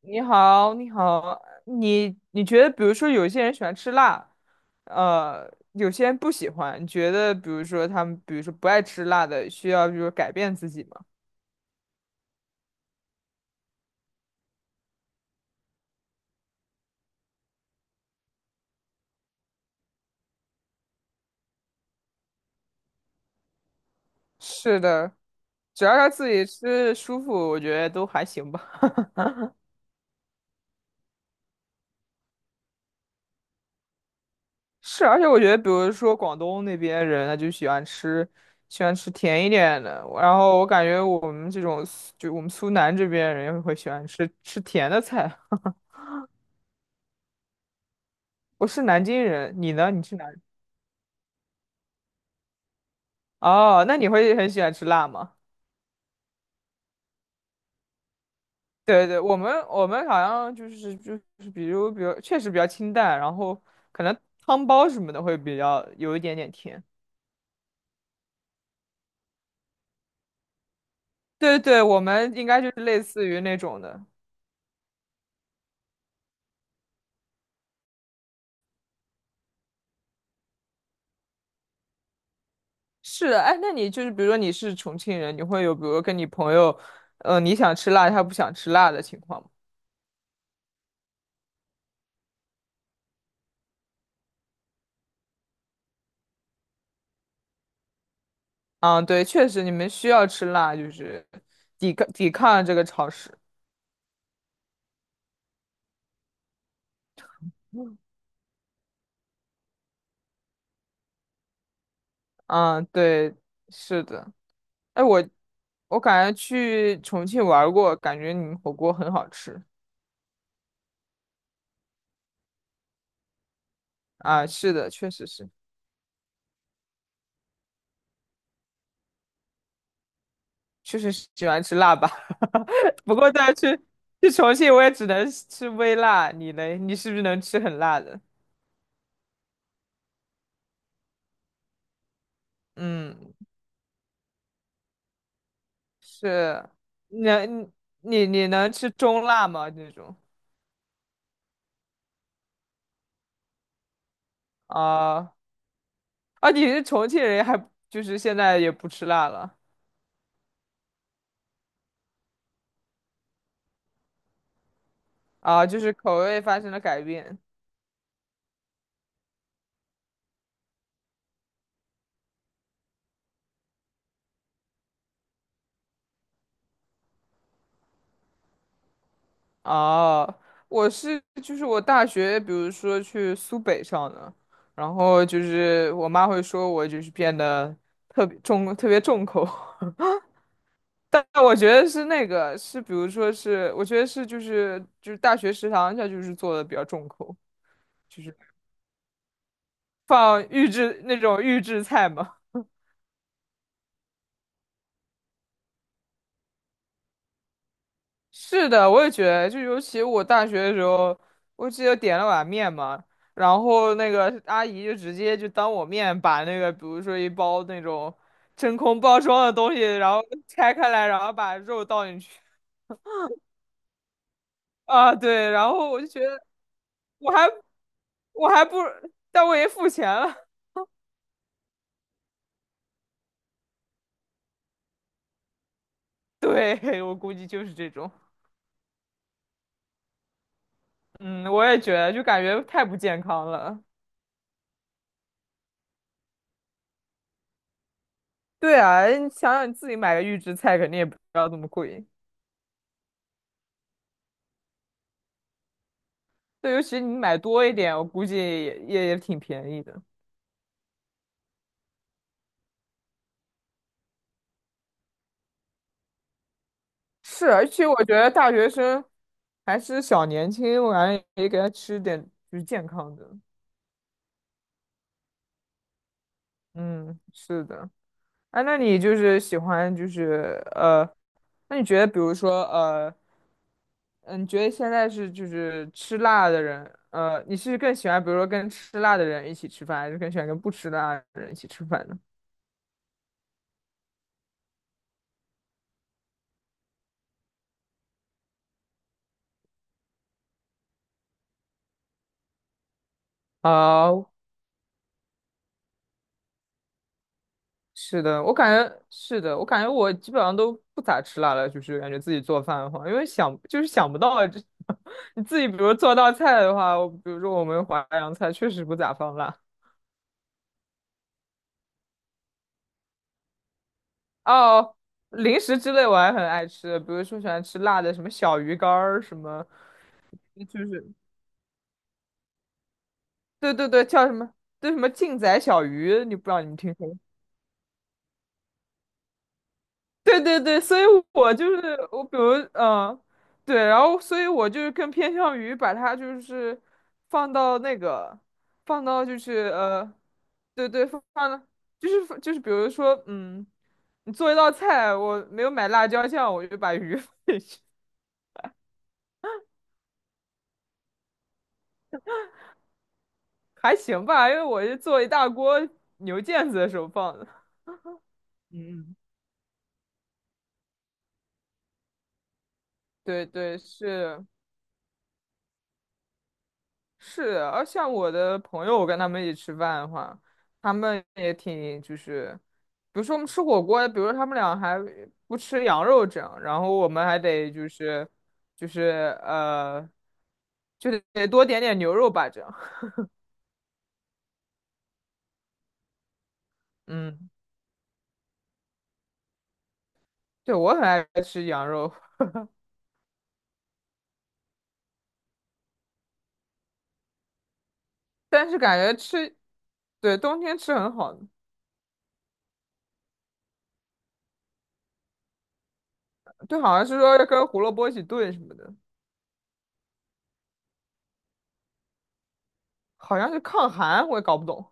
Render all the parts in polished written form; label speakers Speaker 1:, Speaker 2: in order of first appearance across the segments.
Speaker 1: 你好，你好，你觉得，比如说，有些人喜欢吃辣，有些人不喜欢，你觉得，比如说他们，比如说不爱吃辣的，需要就是改变自己吗？是的，只要他自己吃舒服，我觉得都还行吧。是，而且我觉得，比如说广东那边人，他就喜欢吃甜一点的。然后我感觉我们这种，就我们苏南这边人会喜欢吃甜的菜。我是南京人，你呢？你是哪？哦，那你会很喜欢吃辣吗？对对，我们好像就是比如确实比较清淡，然后可能汤包什么的会比较有一点点甜。对对，我们应该就是类似于那种的。是的，哎，那你就是比如说你是重庆人，你会有比如说跟你朋友，你想吃辣，他不想吃辣的情况吗？啊，对，确实你们需要吃辣，就是抵抗抵抗这个潮湿。嗯，对，是的。哎，我感觉去重庆玩儿过，感觉你们火锅很好吃啊。是的，确实是喜欢吃辣吧。不过再去重庆，我也只能吃微辣。你嘞？你是不是能吃很辣的？嗯，是。能你能吃中辣吗？这种啊啊，你是重庆人还就是现在也不吃辣了啊？就是口味发生了改变。啊，我是就是我大学，比如说去苏北上的，然后就是我妈会说我就是变得特别重口但我觉得是那个是，比如说是，我觉得是就是大学食堂它就是做的比较重口，就是放预制那种预制菜嘛。是的，我也觉得，就尤其我大学的时候，我记得点了碗面嘛，然后那个阿姨就直接就当我面把那个，比如说一包那种真空包装的东西，然后拆开来，然后把肉倒进去。啊，对，然后我就觉得我还我还不，但我也付钱了。对，我估计就是这种。嗯，我也觉得，就感觉太不健康了。对啊，你想想你自己买个预制菜，肯定也不要这么贵。对，尤其你买多一点，我估计也挺便宜的。是，而且我觉得大学生还是小年轻，我感觉也给他吃点就是健康的。嗯，是的。哎、那你就是喜欢就是那你觉得比如说嗯，你觉得现在是就是吃辣的人，你是更喜欢比如说跟吃辣的人一起吃饭，还是更喜欢跟不吃辣的人一起吃饭呢？啊、是的，我感觉是的，我感觉我基本上都不咋吃辣了，就是感觉自己做饭的话，因为想就是想不到这 你自己比如做道菜的话，我比如说我们淮扬菜确实不咋放辣哦。零食之类我还很爱吃，比如说喜欢吃辣的，什么小鱼干儿，什么就是对对对，叫什么对什么劲仔小鱼，你不知道你们听说过？对对对，所以我就是我，比如对，然后所以我就是更偏向于把它就是放到那个放到就是对对，放到就是比如说你做一道菜，我没有买辣椒酱，我就把鱼 放进去，还行吧，因为我是做一大锅牛腱子的时候放的。嗯，对对是，是的，而像我的朋友，我跟他们一起吃饭的话，他们也挺就是，比如说我们吃火锅，比如说他们俩还不吃羊肉这样，然后我们还得就是就得多点点牛肉吧这样。嗯，对，我很爱吃羊肉，但是感觉吃，对，冬天吃很好，对，好像是说要跟胡萝卜一起炖什么的，好像是抗寒，我也搞不懂。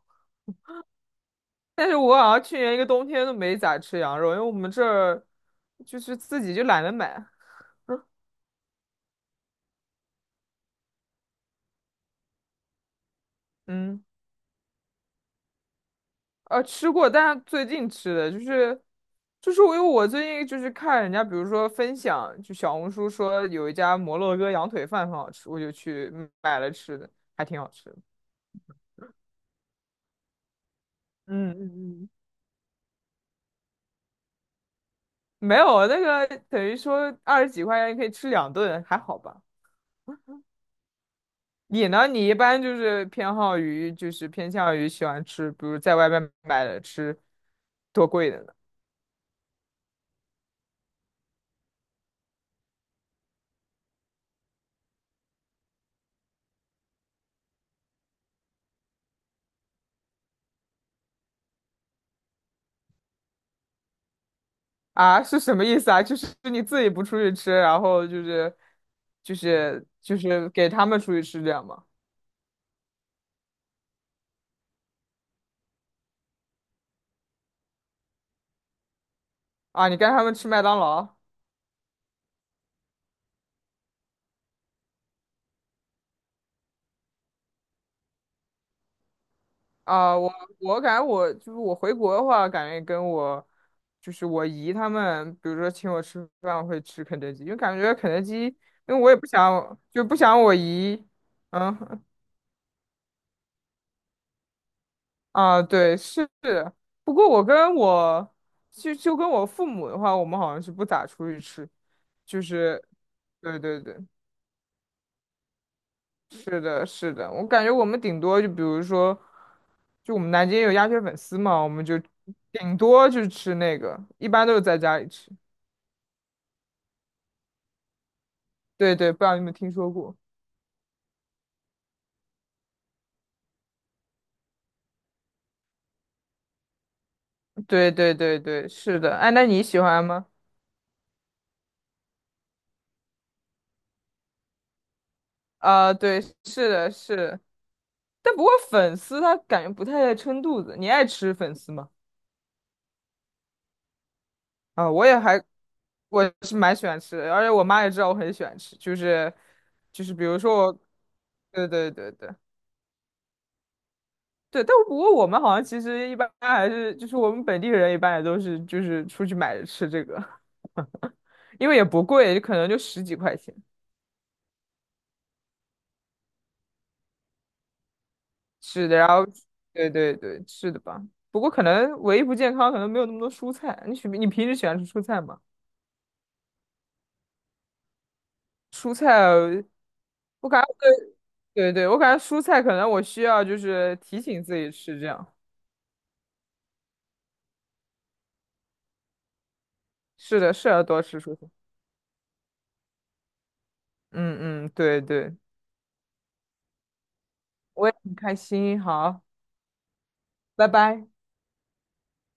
Speaker 1: 但是我好像去年一个冬天都没咋吃羊肉，因为我们这儿就是自己就懒得买。嗯，吃过，但是最近吃的就是，我因为我最近就是看人家，比如说分享，就小红书说有一家摩洛哥羊腿饭很好吃，我就去买了吃的，还挺好吃的嗯嗯嗯。没有那个等于说二十几块钱可以吃两顿，还好吧？你呢？你一般就是偏好于，就是偏向于喜欢吃，比如在外面买的吃，多贵的呢？啊，是什么意思啊？就是你自己不出去吃，然后就是给他们出去吃这样吗？啊，你跟他们吃麦当劳？啊，我感觉我就是我回国的话，感觉跟我就是我姨他们，比如说请我吃饭，我会吃肯德基，因为感觉肯德基，因为我也不想我姨，嗯。啊，对，是。不过我跟我就就跟我父母的话，我们好像是不咋出去吃，就是，对对对，是的，是的。我感觉我们顶多就比如说，就我们南京有鸭血粉丝嘛，我们就顶多就吃那个，一般都是在家里吃。对对，不知道你有没有听说过？对对对对，是的。哎，那你喜欢吗？啊，对，是的，是的。但不过粉丝它感觉不太撑肚子，你爱吃粉丝吗？啊，我也还，我是蛮喜欢吃的，而且我妈也知道我很喜欢吃，就是比如说我，对对对对对，但不过我们好像其实一般还是就是我们本地人一般也都是就是出去买着吃这个，因为也不贵，可能就十几块钱。是的，然后对对对，是的吧？不过可能唯一不健康可能没有那么多蔬菜，你平时喜欢吃蔬菜吗？蔬菜，我感觉对对对，我感觉蔬菜可能我需要就是提醒自己吃这样。是的，是要多吃蔬菜。嗯嗯，对对，我也很开心。好，拜拜。